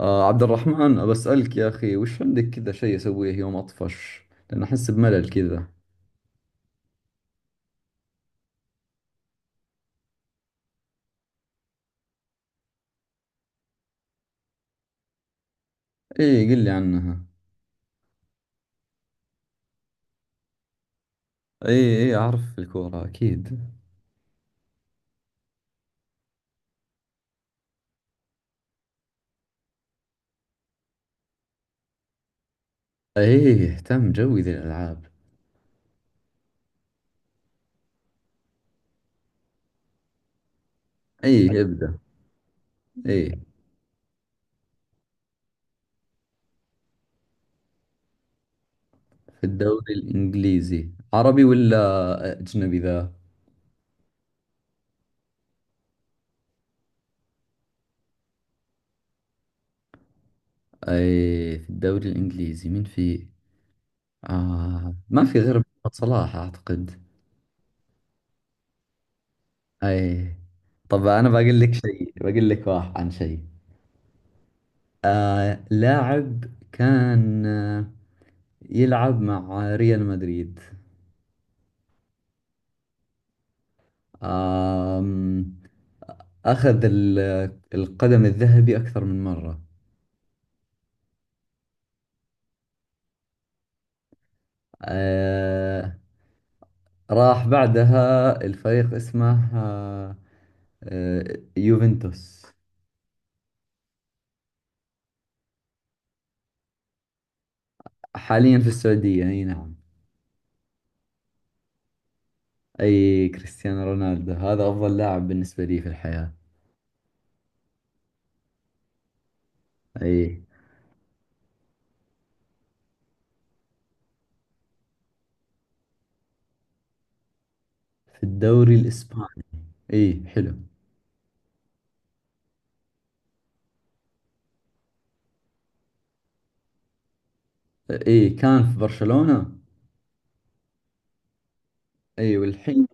عبد الرحمن، بسألك يا أخي، وش عندك كذا شيء أسويه يوم أطفش؟ لأن أحس بملل كذا. إيه، قل لي عنها. إيه، إيه، أعرف الكورة أكيد. إيه، تم، جوي ذي الألعاب. إيه، ابدأ. إيه، في الدوري الإنجليزي، عربي ولا أجنبي ذا؟ إيه، في الدوري الإنجليزي مين في؟ ما في غير محمد صلاح أعتقد. إيه. طب، أنا بقول لك شيء، بقول لك واحد عن شيء. لاعب كان يلعب مع ريال مدريد. آم، أخذ القدم الذهبي أكثر من مرة. آه راح بعدها الفريق اسمه يوفنتوس. حاليا في السعودية، أي نعم. أي، كريستيانو رونالدو هذا أفضل لاعب بالنسبة لي في الحياة. أي. في الدوري الإسباني. أي، حلو. أي، كان في برشلونة. أي، والحين؟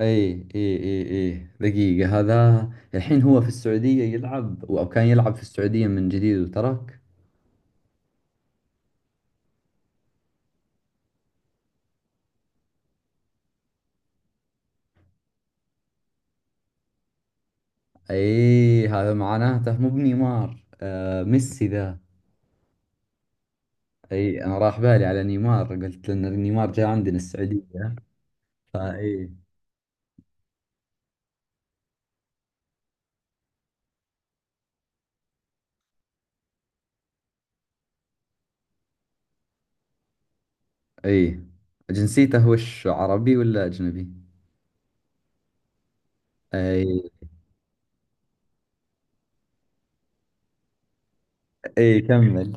اي، اي، اي، اي، دقيقة هذا. الحين هو في السعودية يلعب، او كان يلعب في السعودية من جديد وترك. اي، هذا معناته مو بنيمار، ميسي ذا. اي، انا راح بالي على نيمار، قلت لان نيمار جاء عندنا السعودية. فاي. اي، جنسيته وش، عربي ولا اجنبي؟ اي، اي، كمل.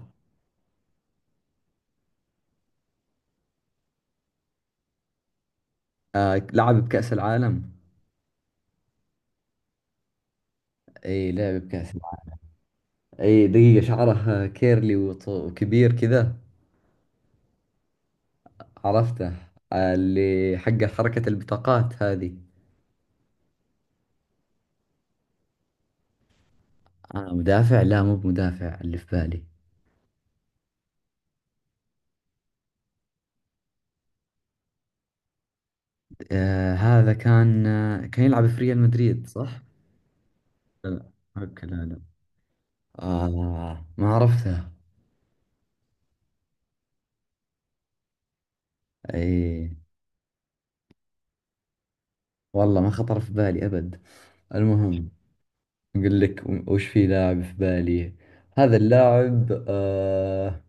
آه، لعب بكأس العالم. اي، لعب بكأس العالم. اي، دقيقة، شعره كيرلي وكبير كذا. عرفته. اللي حق حركة البطاقات هذه. آه، مدافع؟ لا، مو بمدافع اللي في بالي. آه، هذا كان يلعب في ريال مدريد، صح؟ لا، لا. اوكي، لا، لا. آه، ما عرفته. اي، والله ما خطر في بالي ابد. المهم، اقول لك وش في لاعب في بالي. هذا اللاعب آه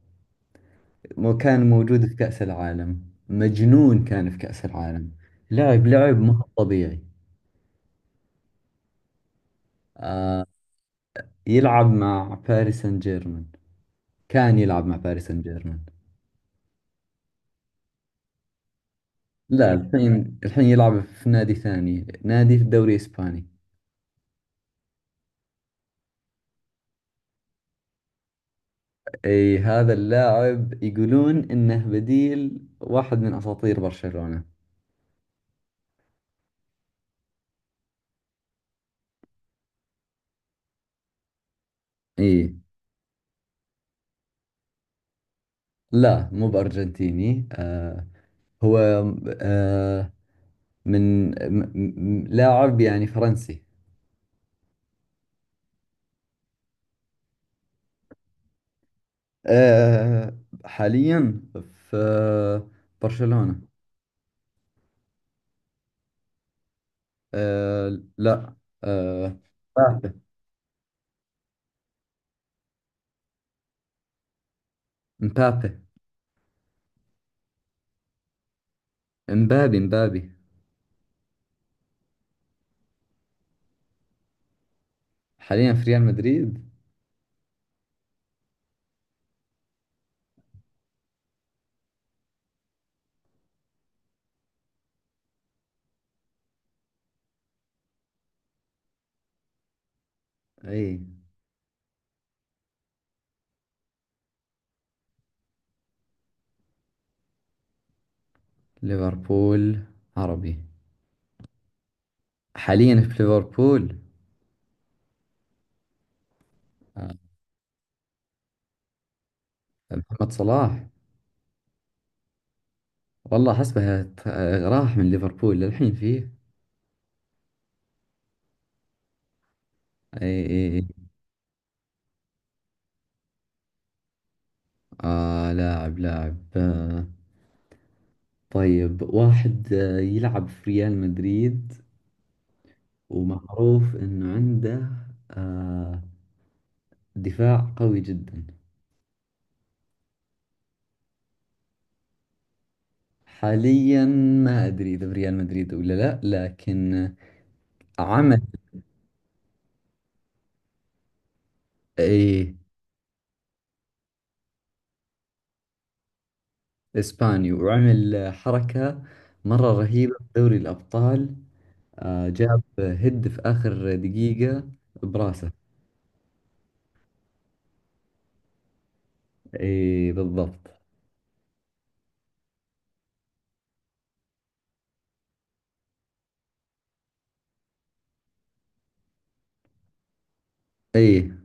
مو- كان موجود في كأس العالم. مجنون، كان في كأس العالم، لاعب لعب ما هو طبيعي. يلعب مع باريس سان جيرمان. كان يلعب مع باريس سان جيرمان. لا، الحين يلعب في نادي ثاني، نادي في الدوري الإسباني. اي، هذا اللاعب يقولون انه بديل واحد من اساطير برشلونة. اي. لا، مو بأرجنتيني. هو آه من م- لاعب يعني فرنسي. آه حاليا في برشلونة. آه، لا. آه، مبابي. مبابي. امبابي، امبابي. حاليا في ريال مدريد. اي، ليفربول، عربي. حاليا في ليفربول. آه، محمد صلاح. والله حسبه راح من ليفربول للحين فيه؟ اي، اي، اي. لاعب، طيب، واحد يلعب في ريال مدريد، ومعروف انه عنده آه دفاع قوي جدا. حاليا، ما ادري اذا في ريال مدريد ولا لا، لكن عمل. ايه. إسباني، وعمل حركة مرة رهيبة في دوري الأبطال. جاب هد في آخر دقيقة براسه. إيه، بالضبط. إيه،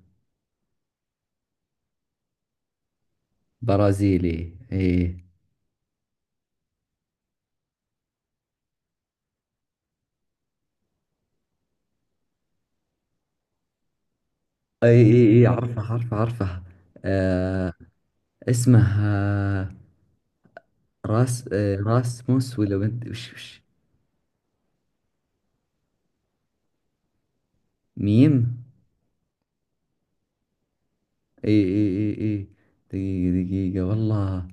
برازيلي. إيه، إيه، إيه، إيه، عرفه، عرفه، عرفه. آه اسمه آه راسموس ولا بنت، وش؟ ميم إيه، إيه، إيه، إيه، دقيقة، دقيقة، والله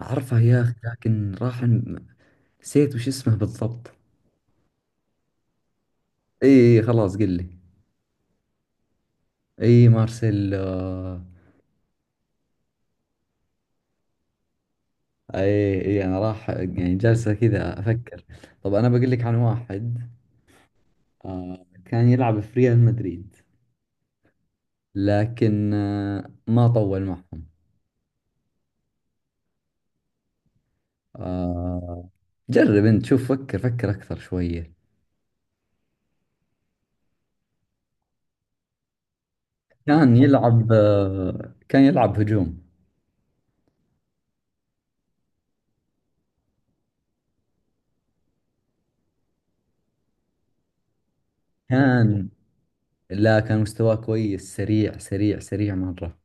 عرفه يا أخي، لكن راح نسيت وش اسمه بالضبط. إيه، إيه، خلاص قل لي. اي، مارسيلو. اي، اي، انا راح يعني جالسة كذا افكر. طب، انا بقول لك عن واحد. كان يلعب في ريال مدريد. لكن ما طول معهم. آه جرب انت شوف، فكر فكر اكثر شوية. كان يلعب هجوم. كان، لا، كان مستواه كويس، سريع سريع سريع مرة.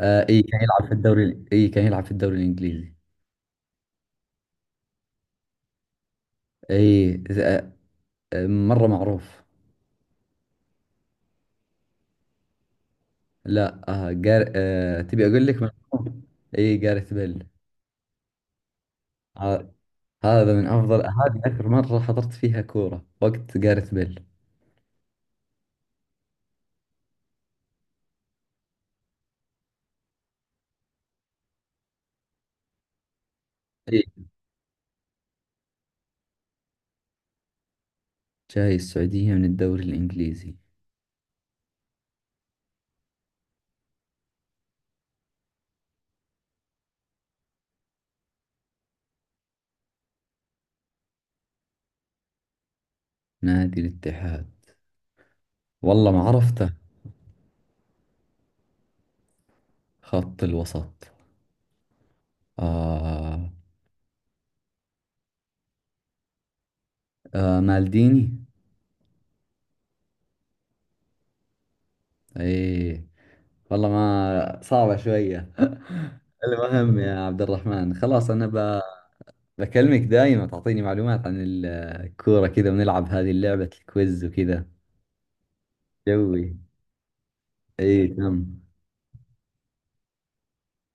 اي، كان يلعب في الدوري، اي، كان يلعب في الدوري الانجليزي. اي، مرة معروف. لا، آه جار... آه تبي أقول لك. إي، جارث بيل. آه هذا من أفضل، هذه آخر مرة حضرت فيها كورة وقت جارث بيل. إي. جاي السعودية من الدوري الإنجليزي. نادي الاتحاد، والله ما عرفته. خط الوسط. آه. آه، مالديني. إي، والله ما صعبة شوية. المهم يا عبد الرحمن، خلاص أنا بكلمك دايما، تعطيني معلومات عن الكورة كذا، ونلعب هذه اللعبة الكويز وكذا. جوي. اي، تم.